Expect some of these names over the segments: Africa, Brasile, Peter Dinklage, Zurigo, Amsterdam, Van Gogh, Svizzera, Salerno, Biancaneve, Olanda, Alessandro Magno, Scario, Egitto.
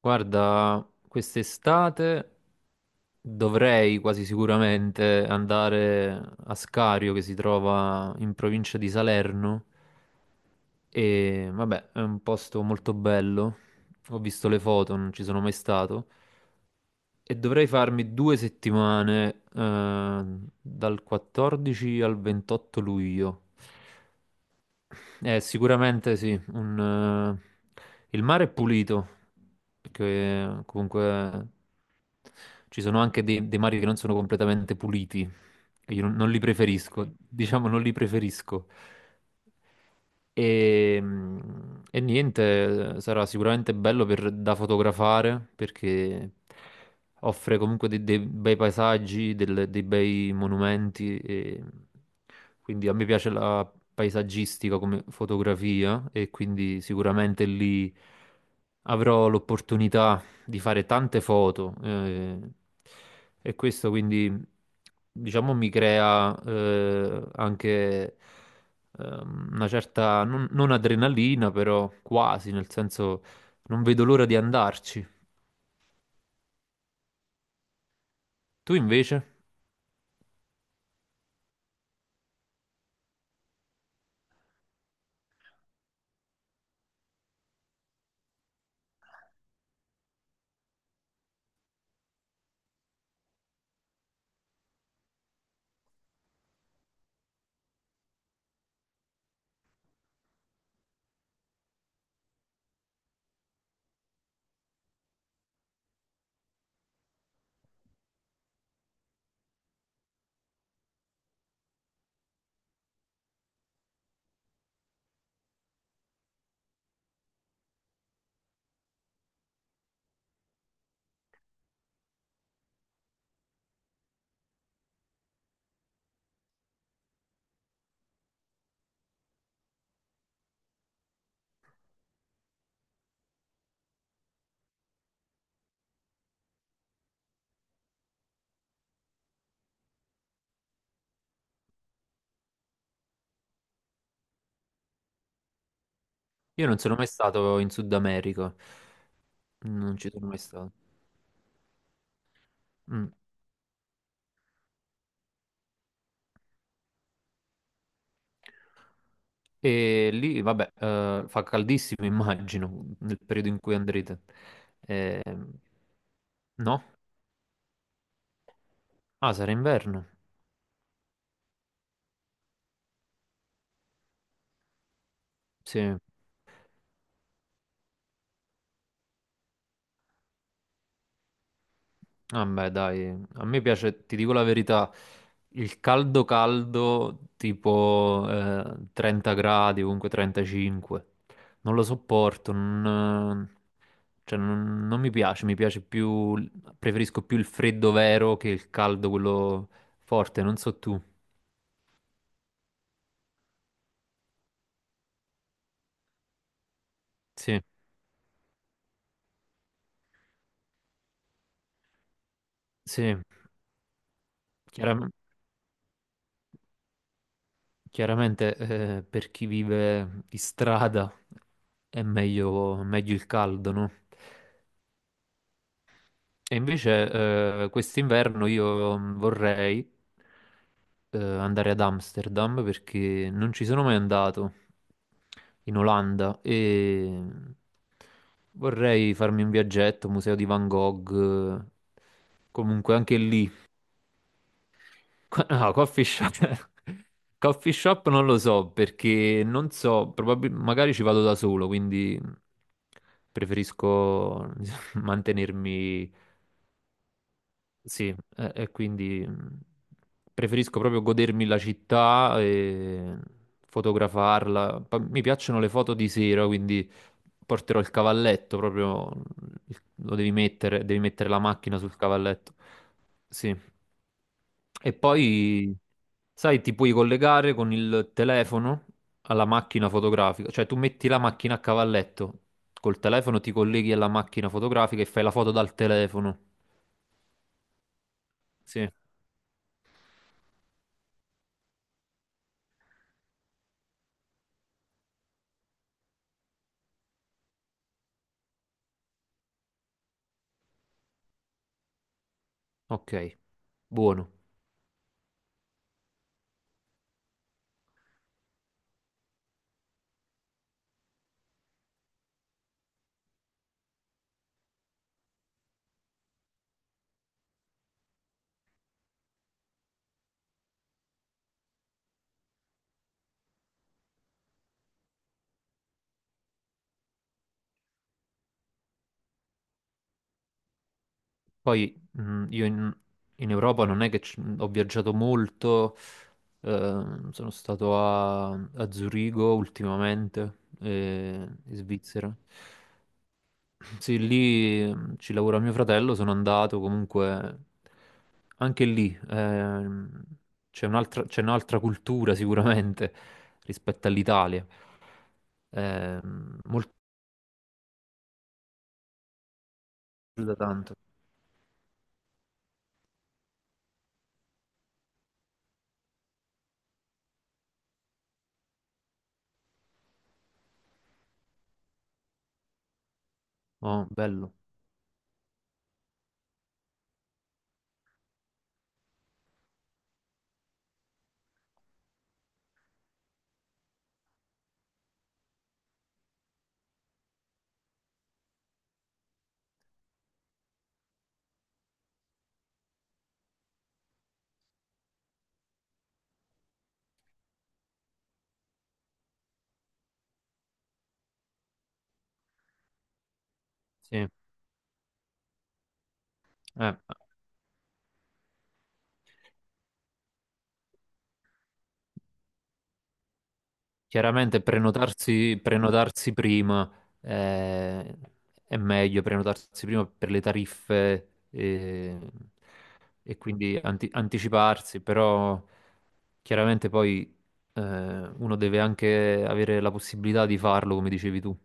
Guarda, quest'estate dovrei quasi sicuramente andare a Scario, che si trova in provincia di Salerno, e vabbè, è un posto molto bello. Ho visto le foto, non ci sono mai stato, e dovrei farmi 2 settimane dal 14 al 28 luglio. Sicuramente sì, il mare è pulito, perché comunque ci sono anche dei mari che non sono completamente puliti, che io non li preferisco, diciamo non li preferisco, e, mm, e niente, sarà sicuramente bello da fotografare, perché offre comunque dei bei paesaggi, dei bei monumenti. E quindi a me piace la paesaggistica come fotografia, e quindi sicuramente lì avrò l'opportunità di fare tante foto, e questo quindi diciamo mi crea, anche, una certa non adrenalina, però quasi, nel senso, non vedo l'ora di andarci. Tu invece? Io non sono mai stato in Sud America, non ci sono mai stato. Mm. E lì, vabbè, fa caldissimo, immagino, nel periodo in cui andrete. Eh, no? Ah, sarà inverno. Sì. Vabbè, dai, a me piace, ti dico la verità, il caldo caldo, tipo, 30 gradi, comunque 35. Non lo sopporto, non, cioè, non mi piace, mi piace più, preferisco più il freddo vero che il caldo, quello forte, non so tu. Sì, sì, chiaram- chiaramente, per chi vive in strada è meglio il caldo, no? E invece, quest'inverno io, vorrei, andare ad Amsterdam, perché non ci sono mai andato in Olanda e vorrei farmi un viaggetto, museo di Van Gogh, eh, comunque anche lì. No, coffee shop. Coffee shop non lo so, perché non so, magari ci vado da solo, quindi preferisco mantenermi. Sì, e quindi, preferisco proprio godermi la città e fotografarla. Poi mi piacciono le foto di sera, quindi porterò il cavalletto proprio, lo devi mettere la macchina sul cavalletto. Sì. E poi, sai, ti puoi collegare con il telefono alla macchina fotografica, cioè tu metti la macchina a cavalletto, col telefono ti colleghi alla macchina fotografica e fai la foto dal telefono. Sì, ok, buono. Poi, io in Europa non è che ho viaggiato molto, sono stato a Zurigo ultimamente, in Svizzera. Sì, lì, ci lavora mio fratello, sono andato comunque anche lì. C'è un'altra cultura sicuramente rispetto all'Italia. Molto più da tanto. Oh, bello. Sì. Eh, Chiaramente prenotarsi, prenotarsi prima, eh, è meglio, prenotarsi prima per le tariffe, e quindi anticiparsi, però chiaramente poi, uno deve anche avere la possibilità di farlo, come dicevi tu.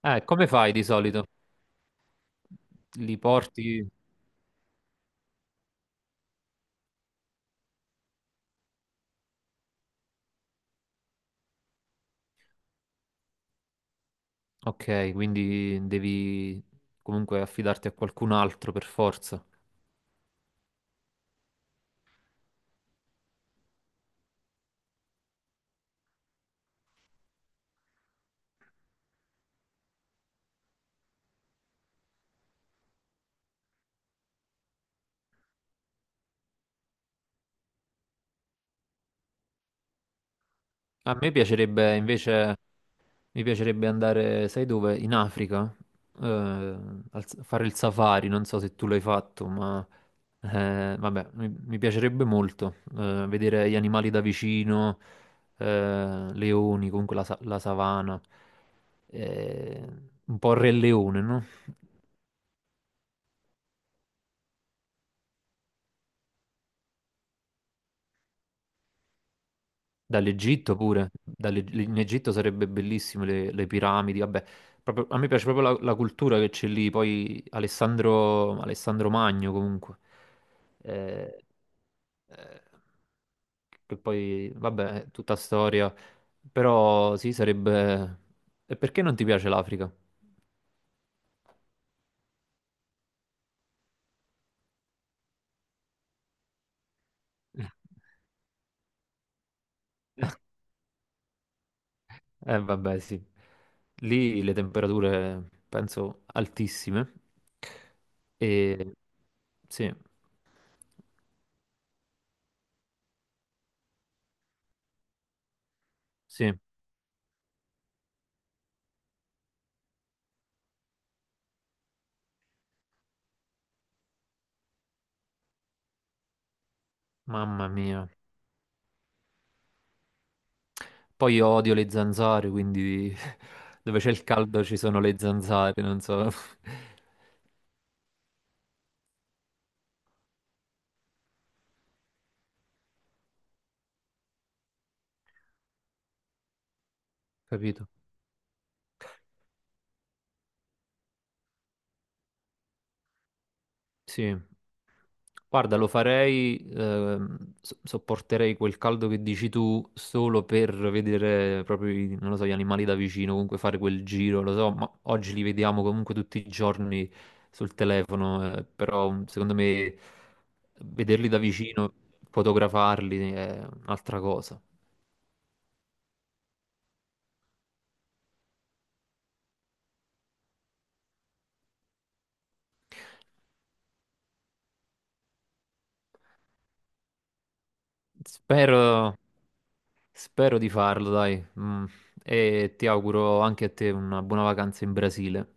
Come fai di solito? Li porti? Ok, quindi devi comunque affidarti a qualcun altro per forza. A me piacerebbe invece, mi piacerebbe andare, sai dove? In Africa, fare il safari, non so se tu l'hai fatto, ma, vabbè, mi piacerebbe molto, vedere gli animali da vicino, leoni, comunque la savana, eh, un po' il Re Leone, no? Dall'Egitto pure. In Egitto sarebbe bellissimo, le piramidi, vabbè, a me piace proprio la cultura che c'è lì, poi Alessandro Magno, comunque, eh, eh, che poi, vabbè, è tutta storia, però sì, sarebbe... E perché non ti piace l'Africa? Eh vabbè, sì, lì le temperature penso altissime, e sì. Sì. Mamma mia. Poi io odio le zanzare, quindi dove c'è il caldo ci sono le zanzare, non so. Capito? Sì. Guarda, lo farei, sopporterei quel caldo che dici tu solo per vedere proprio, non lo so, gli animali da vicino, comunque fare quel giro, lo so, ma oggi li vediamo comunque tutti i giorni sul telefono, però, secondo me vederli da vicino, fotografarli è un'altra cosa. Spero, spero di farlo, dai. E ti auguro anche a te una buona vacanza in Brasile.